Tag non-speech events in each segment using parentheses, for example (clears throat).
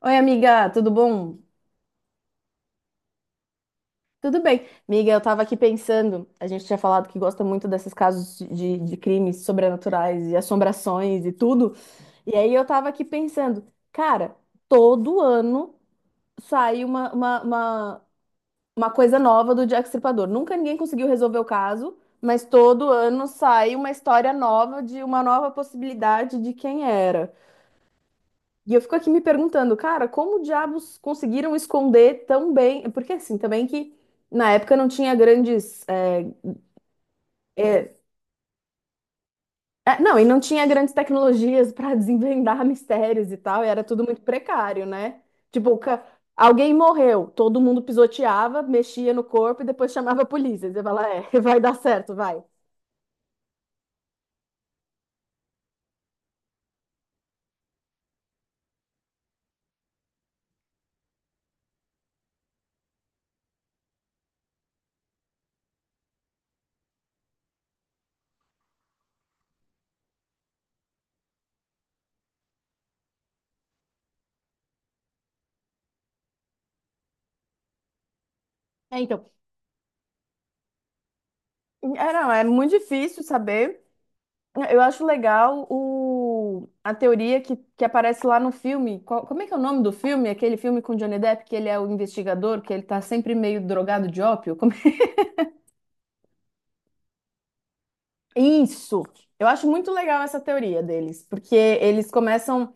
Oi, amiga, tudo bom? Tudo bem. Amiga, eu tava aqui pensando, a gente tinha falado que gosta muito desses casos de crimes sobrenaturais e assombrações e tudo. E aí eu tava aqui pensando, cara, todo ano sai uma coisa nova do Jack Stripador. Nunca ninguém conseguiu resolver o caso, mas todo ano sai uma história nova de uma nova possibilidade de quem era. E eu fico aqui me perguntando, cara, como diabos conseguiram esconder tão bem? Porque assim, também que na época não tinha grandes. É, não, e não tinha grandes tecnologias para (laughs) desvendar mistérios e tal, e era tudo muito precário, né? Tipo, alguém morreu, todo mundo pisoteava, mexia no corpo e depois chamava a polícia. E você fala, (laughs) vai dar certo, vai. É, então. É, não, é muito difícil saber. Eu acho legal a teoria que aparece lá no filme. Como é que é o nome do filme? Aquele filme com Johnny Depp, que ele é o investigador, que ele tá sempre meio drogado de ópio? É? Isso! Eu acho muito legal essa teoria deles, porque eles começam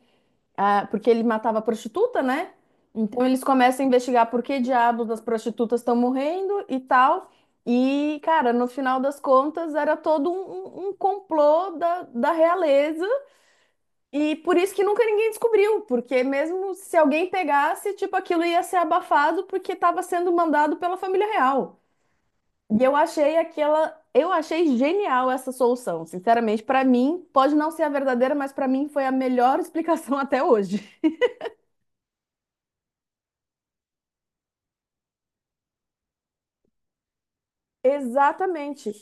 porque ele matava prostituta, né? Então eles começam a investigar por que diabos as prostitutas estão morrendo e tal. E, cara, no final das contas, era todo um complô da realeza. E por isso que nunca ninguém descobriu, porque mesmo se alguém pegasse, tipo, aquilo ia ser abafado porque estava sendo mandado pela família real. E eu achei genial essa solução. Sinceramente, para mim, pode não ser a verdadeira, mas para mim foi a melhor explicação (laughs) até hoje. Exatamente.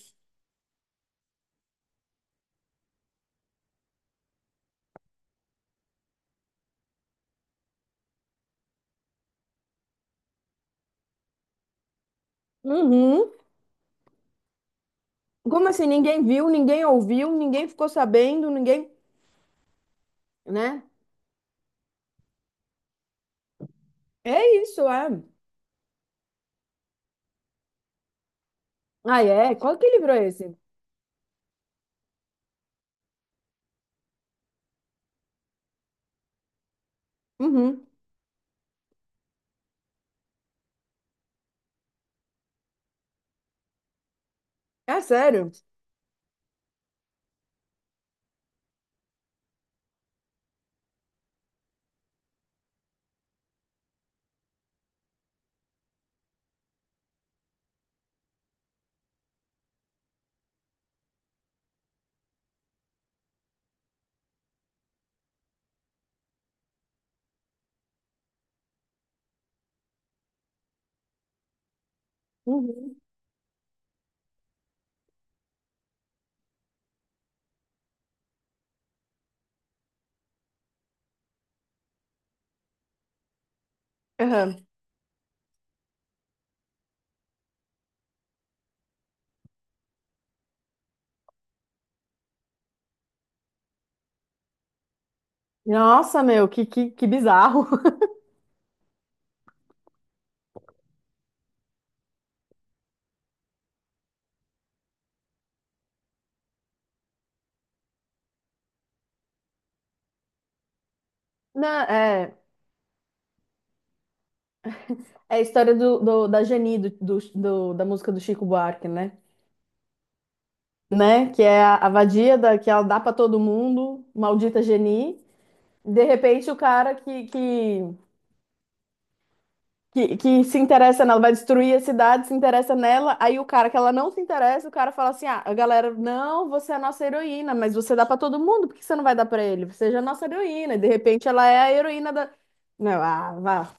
Uhum. Como assim, ninguém viu, ninguém ouviu, ninguém ficou sabendo, ninguém, né? É isso, é. Ah, é? Qual que livro é esse? Uhum. É sério? Uhum. Aham. Nossa, meu, que bizarro. (laughs) Não, é a história da Geni, da música do Chico Buarque, né? Né? Que é a vadia da, que ela dá pra todo mundo, maldita Geni. De repente, o cara que se interessa nela, vai destruir a cidade, se interessa nela. Aí o cara que ela não se interessa, o cara fala assim: ah, a galera, não, você é a nossa heroína, mas você dá pra todo mundo, por que você não vai dar pra ele? Seja a nossa heroína. E de repente, ela é a heroína da. Não, ah, vá.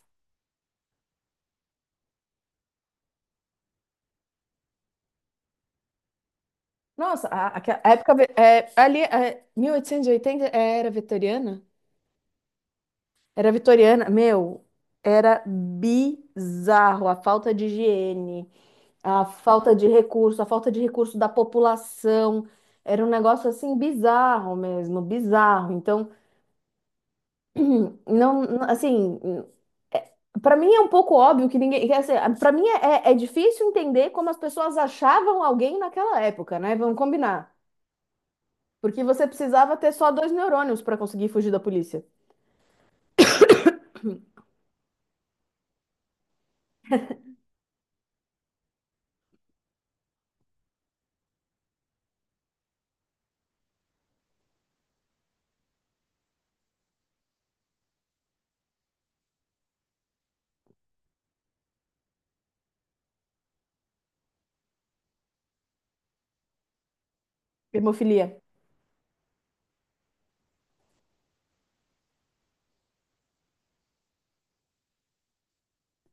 Nossa, aquela época ali, 1880, era vitoriana? Era vitoriana, meu, era bizarro a falta de higiene, a falta de recurso, a falta de recurso da população. Era um negócio assim bizarro mesmo, bizarro. Então, (clears throat) não, assim, para mim é um pouco óbvio que ninguém. Para mim é, é difícil entender como as pessoas achavam alguém naquela época, né? Vamos combinar. Porque você precisava ter só dois neurônios para conseguir fugir da polícia. Hemofilia.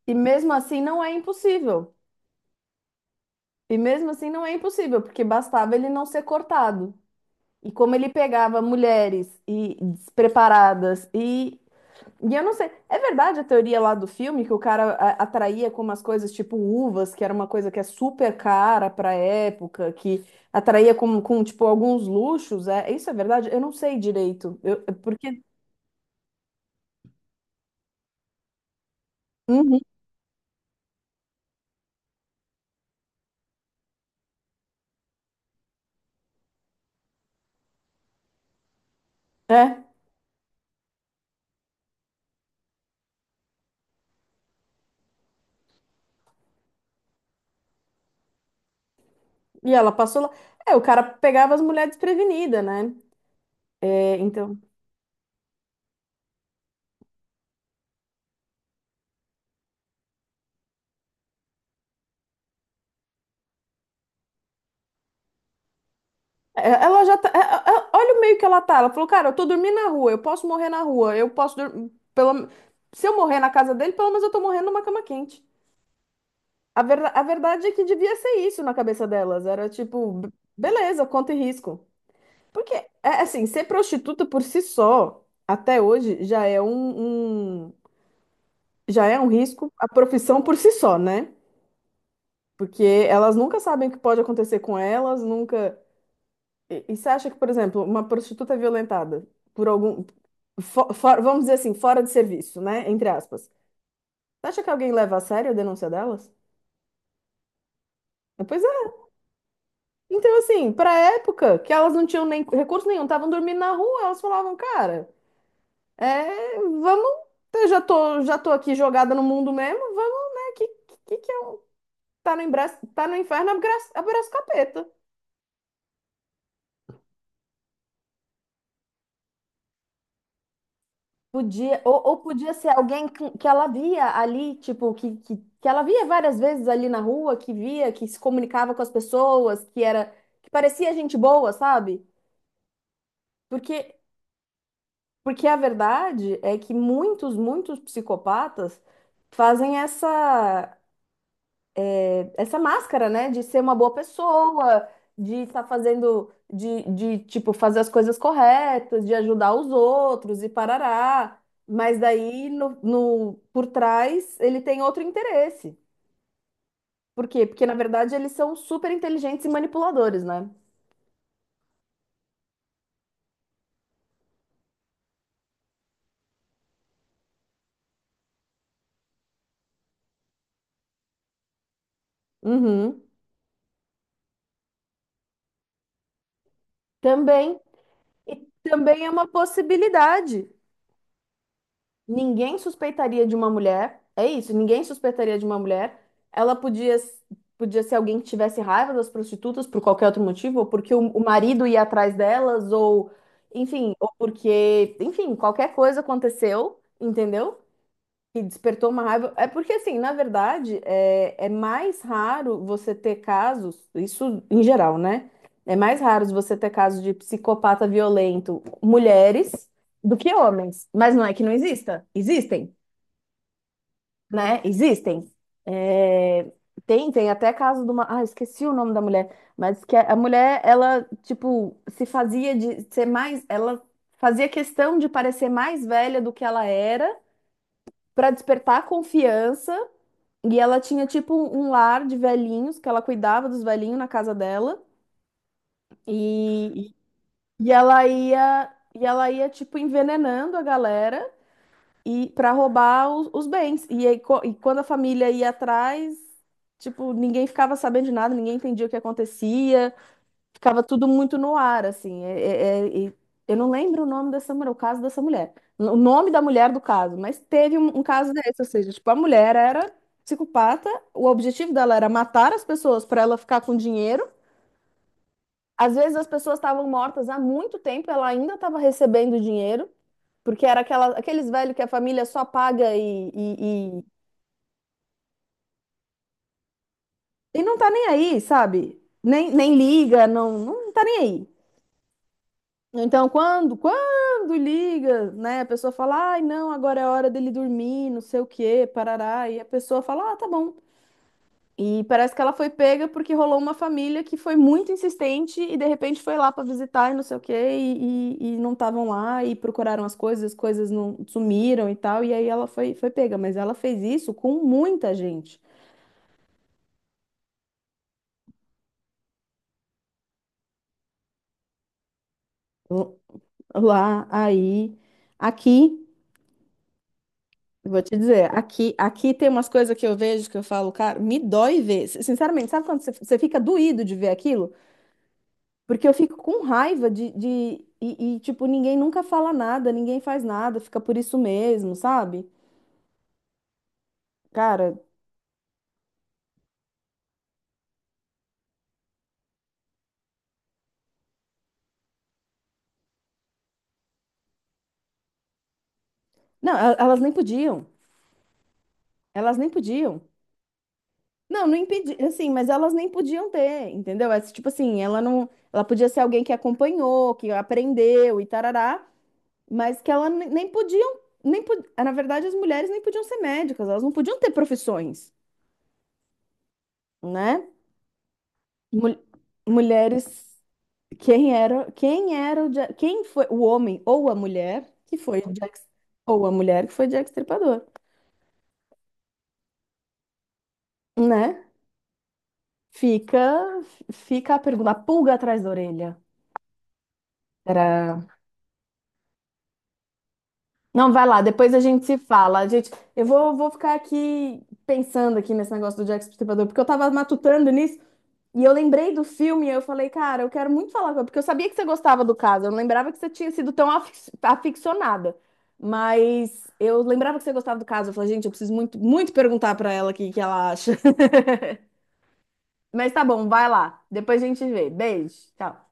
E mesmo assim não é impossível. E mesmo assim não é impossível, porque bastava ele não ser cortado. E como ele pegava mulheres e despreparadas e eu não sei, é verdade a teoria lá do filme que o cara atraía com umas coisas tipo uvas, que era uma coisa que é super cara pra época, que atraía com tipo alguns luxos, isso é verdade? Eu não sei direito. Eu, é porque Uhum. É. E ela passou lá. É, o cara pegava as mulheres desprevenidas, né? É, então. Ela já tá. Olha o meio que ela tá. Ela falou, cara, eu tô dormindo na rua, eu posso morrer na rua, eu posso. Pelo. Se eu morrer na casa dele, pelo menos eu tô morrendo numa cama quente. A verdade é que devia ser isso na cabeça delas. Era tipo, beleza, conta e risco. Porque, é assim, ser prostituta por si só, até hoje, já é já é um risco, a profissão por si só, né? Porque elas nunca sabem o que pode acontecer com elas, nunca. E você acha que, por exemplo, uma prostituta violentada por algum. Vamos dizer assim, fora de serviço, né? Entre aspas. Você acha que alguém leva a sério a denúncia delas? Ah, pois é. Então, assim, pra época que elas não tinham nem recurso nenhum, estavam dormindo na rua, elas falavam, cara, vamos. Eu já tô aqui jogada no mundo mesmo, vamos, né? Que é um. Tá no, embra... tá no inferno, abraço abraço capeta. Podia, ou podia ser alguém que ela via ali, tipo, que ela via várias vezes ali na rua, que via, que se comunicava com as pessoas, que era, que parecia gente boa, sabe? Porque, porque a verdade é que muitos, muitos psicopatas fazem essa. Essa máscara, né? De ser uma boa pessoa, de estar fazendo, tipo, fazer as coisas corretas, de ajudar os outros e parará. Mas daí, por trás, ele tem outro interesse. Por quê? Porque, na verdade, eles são super inteligentes e manipuladores, né? Uhum. Também, e também é uma possibilidade. Ninguém suspeitaria de uma mulher. É isso, ninguém suspeitaria de uma mulher. Ela podia ser alguém que tivesse raiva das prostitutas por qualquer outro motivo, ou porque o marido ia atrás delas, ou enfim, ou porque, enfim, qualquer coisa aconteceu, entendeu? Que despertou uma raiva. É porque, assim, na verdade, é mais raro você ter casos, isso em geral, né? É mais raro você ter casos de psicopata violento, mulheres, do que homens. Mas não é que não exista. Existem, né? Existem. É, tem até caso de uma. Ah, esqueci o nome da mulher. Mas que a mulher, ela, tipo, se fazia de ser mais. Ela fazia questão de parecer mais velha do que ela era. Para despertar confiança e ela tinha tipo um lar de velhinhos, que ela cuidava dos velhinhos na casa dela. E, e ela ia tipo envenenando a galera e para roubar os bens. E, aí, e quando a família ia atrás, tipo, ninguém ficava sabendo de nada, ninguém entendia o que acontecia ficava tudo muito no ar, assim. E eu não lembro o nome dessa mulher, o caso dessa mulher. O nome da mulher do caso, mas teve um caso desse, ou seja, tipo, a mulher era psicopata, o objetivo dela era matar as pessoas para ela ficar com dinheiro. Às vezes as pessoas estavam mortas há muito tempo, ela ainda estava recebendo dinheiro, porque era aqueles velhos que a família só paga e não tá nem aí, sabe? Nem liga, não, não tá nem aí. Então, quando liga, né, a pessoa fala, ai, não, agora é hora dele dormir, não sei o quê, parará, e a pessoa fala, ah, tá bom. E parece que ela foi pega porque rolou uma família que foi muito insistente e de repente foi lá pra visitar e não sei o quê, e não estavam lá e procuraram as coisas não sumiram e tal, e aí ela foi, foi pega, mas ela fez isso com muita gente. L- Lá, aí, aqui. Vou te dizer, aqui tem umas coisas que eu vejo que eu falo, cara, me dói ver. Sinceramente, sabe quando você fica doído de ver aquilo? Porque eu fico com raiva tipo, ninguém nunca fala nada, ninguém faz nada, fica por isso mesmo, sabe? Cara, não, elas nem podiam, elas nem podiam. Não, não impedi, assim, mas elas nem podiam ter, entendeu? É tipo assim, ela não, ela podia ser alguém que acompanhou, que aprendeu e tarará. Mas que ela ne- nem podiam, nem po- na verdade as mulheres nem podiam ser médicas, elas não podiam ter profissões, né? Mul- Mulheres, quem era quem foi o homem ou a mulher que foi o Jack, ou a mulher que foi Jack Stripador, né? Fica, fica a pergunta, a pulga atrás da orelha. Era... Não, vai lá, depois a gente se fala. A gente, eu vou, vou ficar aqui pensando aqui nesse negócio do Jack Stripador porque eu tava matutando nisso. E eu lembrei do filme e eu falei, cara, eu quero muito falar com porque eu sabia que você gostava do caso, eu não lembrava que você tinha sido tão aficionada. Mas eu lembrava que você gostava do caso. Eu falei, gente, eu preciso muito, muito perguntar pra ela aqui o que que ela acha. (laughs) Mas tá bom, vai lá. Depois a gente vê. Beijo. Tchau.